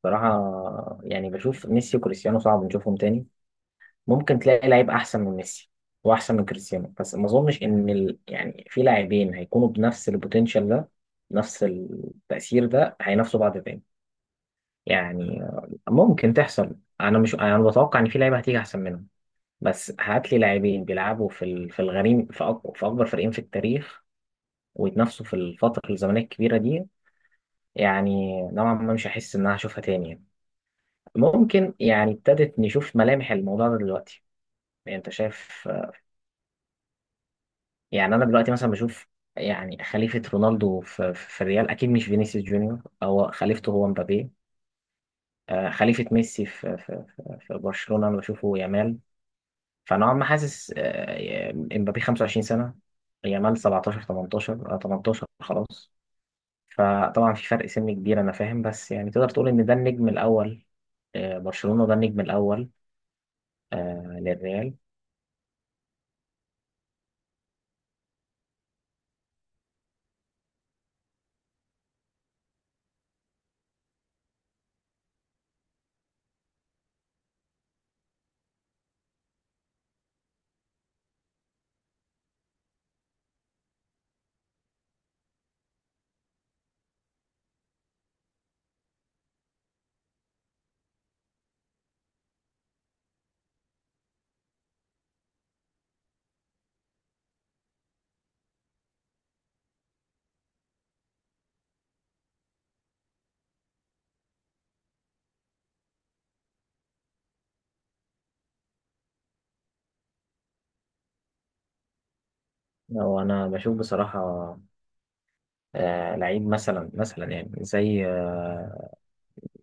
بصراحة يعني بشوف ميسي وكريستيانو صعب نشوفهم تاني. ممكن تلاقي لعيب أحسن من ميسي وأحسن من كريستيانو، بس ما أظنش إن ال... يعني في لاعبين هيكونوا بنفس البوتنشال ده، نفس التأثير ده، هينافسوا بعض تاني. يعني ممكن تحصل. أنا مش أنا بتوقع إن في لعيبة هتيجي أحسن منهم، بس هات لي لاعبين بيلعبوا في ال... في الغريم، في أكبر فريقين في التاريخ ويتنافسوا في الفترة الزمنية الكبيرة دي. يعني نوعا ما مش هحس إن أنا هشوفها تاني. ممكن يعني ابتدت نشوف ملامح الموضوع ده دلوقتي، يعني انت شايف. يعني انا دلوقتي مثلا بشوف، يعني خليفة رونالدو في الريال اكيد مش فينيسيوس جونيور، هو خليفته هو مبابي. خليفة ميسي في برشلونة انا بشوفه يامال. فنوعا ما حاسس مبابي 25 سنة، يامال 17 18، 18 خلاص. فطبعا في فرق سن كبير انا فاهم، بس يعني تقدر تقول ان ده النجم الاول برشلونة، ده النجم الاول للريال. هو انا بشوف بصراحه لعيب مثلا يعني زي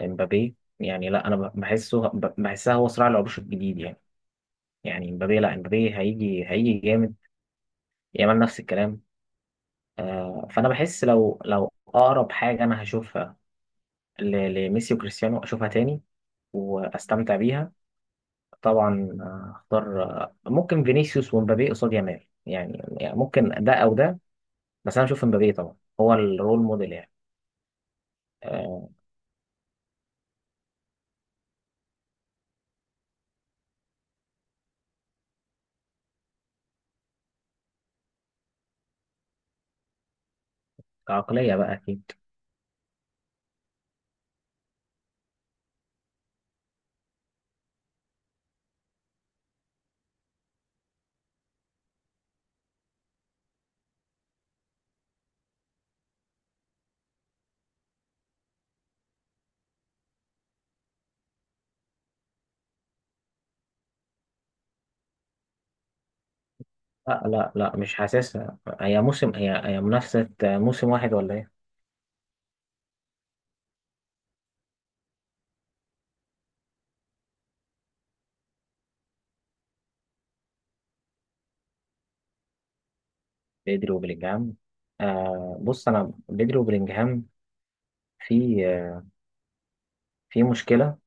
امبابي، يعني لا انا بحسها هو صراع العروش الجديد يعني. يعني امبابي لا امبابي هيجي جامد، يامال نفس الكلام. فانا بحس لو اقرب حاجه انا هشوفها ل- لميسي وكريستيانو اشوفها تاني واستمتع بيها. طبعا اختار، ممكن فينيسيوس ومبابي قصاد يامال يعني، يعني ممكن ده او ده، بس انا اشوف امبابي طبعا هو الرول موديل يعني. آه، كعقليه بقى أكيد. لا لا لا مش حاسسها، هي موسم، هي هي منافسة موسم واحد ولا ايه؟ بدري وبلينجهام. آه بص، انا بدري وبلينجهام في في مشكلة،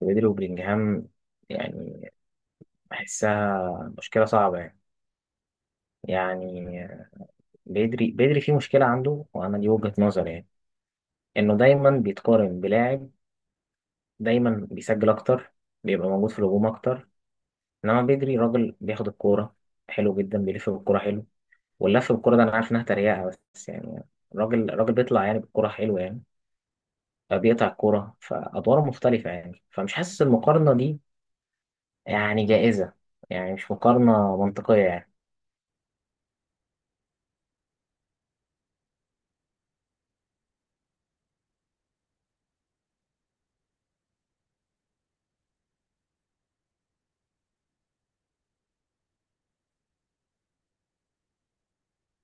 في بدري وبلينجهام يعني. بحسها مشكلة صعبة يعني. يعني بدري في مشكلة عنده، وانا دي وجهة نظري يعني. انه دايما بيتقارن بلاعب دايما بيسجل اكتر، بيبقى موجود في الهجوم اكتر، انما بدري راجل بياخد الكورة حلو جدا، بيلف بالكورة حلو، واللف بالكوره ده انا عارف انها تريقه، بس يعني الراجل بيطلع يعني بالكوره حلوه يعني. بيقطع الكوره فادواره مختلفه يعني، فمش حاسس المقارنه دي يعني جائزه، يعني مش مقارنه منطقيه يعني.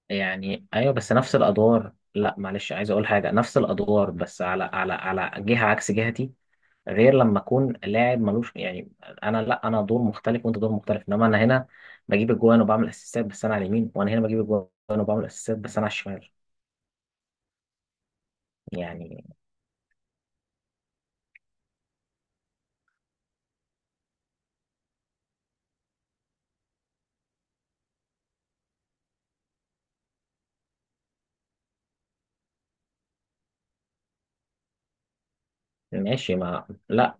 يعني ايوه، بس نفس الادوار، لا معلش عايز اقول حاجه، نفس الادوار بس على جهه عكس جهتي، غير لما اكون لاعب ملوش يعني. انا لا انا دور مختلف وانت دور مختلف، انما انا هنا بجيب الجوان وبعمل اسيستات بس انا على اليمين، وانا هنا بجيب الجوان وبعمل اسيستات بس انا على الشمال يعني. ماشي، ما لا،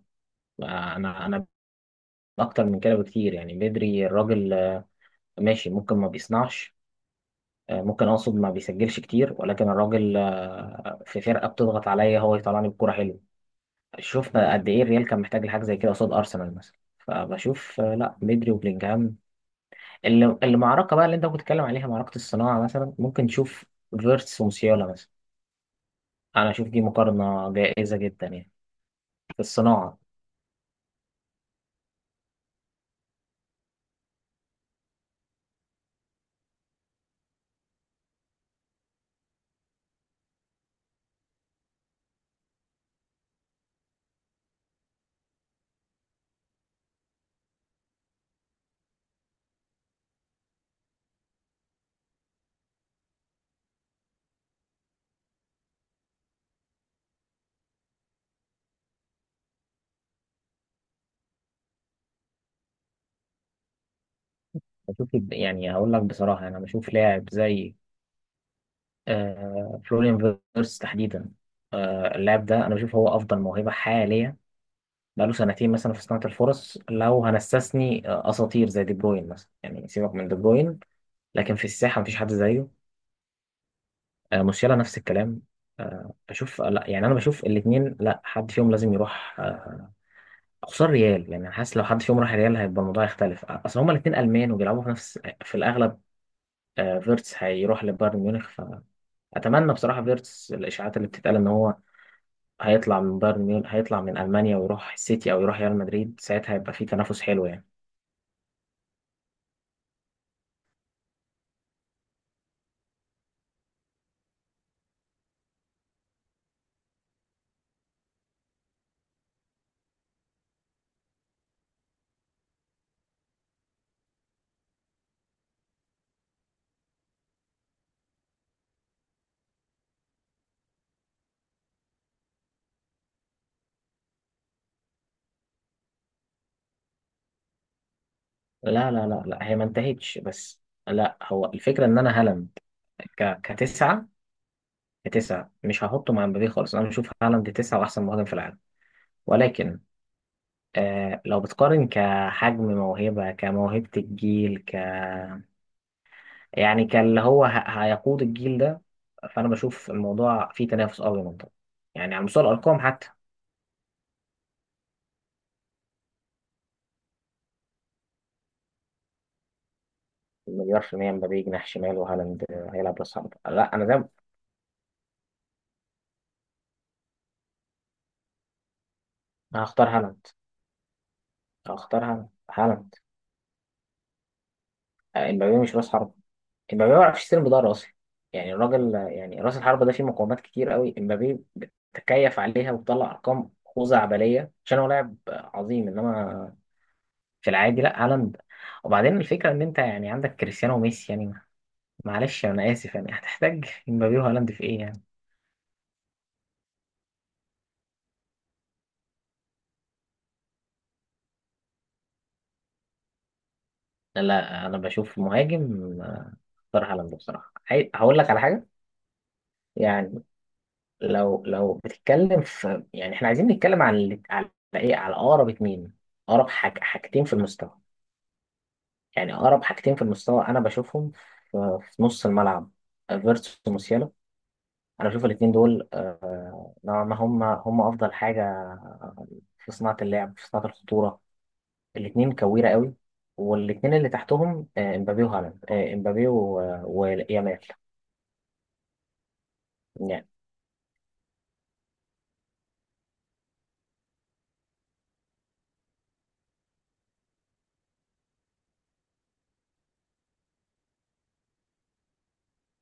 انا اكتر من كده بكتير يعني. بدري الراجل ماشي، ممكن ما بيصنعش، ممكن اقصد ما بيسجلش كتير، ولكن الراجل في فرقه بتضغط عليا هو يطلعني بكوره حلوه. شفنا قد ايه الريال كان محتاج لحاجه زي كده قصاد ارسنال مثلا. فبشوف لا بدري وبلينجهام، اللي المعركه بقى اللي انت كنت بتتكلم عليها معركه الصناعه، مثلا ممكن نشوف فيرتس وموسيالا مثلا. انا اشوف دي مقارنه جائزه جدا يعني في الصناعه. بشوف يعني هقول لك بصراحه، يعني انا بشوف لاعب زي فلوريان فيرتس تحديدا. اللاعب ده انا بشوف هو افضل موهبه حاليا بقاله سنتين مثلا في صناعه الفرص، لو هنستثني اساطير زي دي بروين مثلا، يعني سيبك من دي بروين، لكن في الساحه مفيش حد زيه. موسيالا نفس الكلام. بشوف لا يعني انا بشوف الاثنين، لا حد فيهم لازم يروح، خصوصا ريال، يعني انا حاسس لو حد فيهم راح ريال هيبقى الموضوع يختلف. اصل هما الاثنين المان وبيلعبوا في نفس، في الاغلب فيرتس هيروح لبايرن ميونخ. ف اتمنى بصراحه فيرتس، الاشاعات اللي بتتقال ان هو هيطلع من بايرن ميون، هيطلع من المانيا ويروح السيتي او يروح ريال مدريد، ساعتها هيبقى في تنافس حلو يعني. لا لا لا لا، هي ما انتهتش، بس لا هو الفكره ان انا هالاند ك... كتسعه كتسعه مش هحطه مع مبابي خالص. انا بشوف هالاند تسعه واحسن مهاجم في العالم، ولكن آه لو بتقارن كحجم موهبه، كموهبه الجيل، يعني كاللي هو هيقود الجيل ده، فانا بشوف الموضوع فيه تنافس قوي منطقي، يعني على مستوى الارقام حتى. مليار في المية، مبابي جناح شمال وهالاند هيلعب راس حربة، لا أنا ده هختار هالاند، هالاند. مبابي مش راس حربة. امبابي ما بيعرفش يستلم بضاعة أصلا، يعني الراجل يعني راس الحربة ده فيه مقومات كتير قوي، امبابي بتكيف عليها وبتطلع أرقام خزعبلية عشان هو لاعب عظيم، إنما في العادي لا هالاند. وبعدين الفكرة إن أنت يعني عندك كريستيانو وميسي يعني معلش أنا آسف، يعني هتحتاج امبابي وهالاند في إيه يعني؟ لا أنا بشوف مهاجم، اختار هالاند بصراحة. هقول لك على حاجة يعني. لو بتتكلم في، يعني احنا عايزين نتكلم عن على ايه، على اقرب اتنين، اقرب حاجتين في المستوى، يعني اقرب حاجتين في المستوى انا بشوفهم في نص الملعب فيرتس وموسيالا. انا بشوف الاتنين دول نوعا ما هم افضل حاجه في صناعه اللعب، في صناعه الخطوره. الاتنين كويره قوي، والاتنين اللي تحتهم امبابي وهالاند، امبابي ويامال يعني.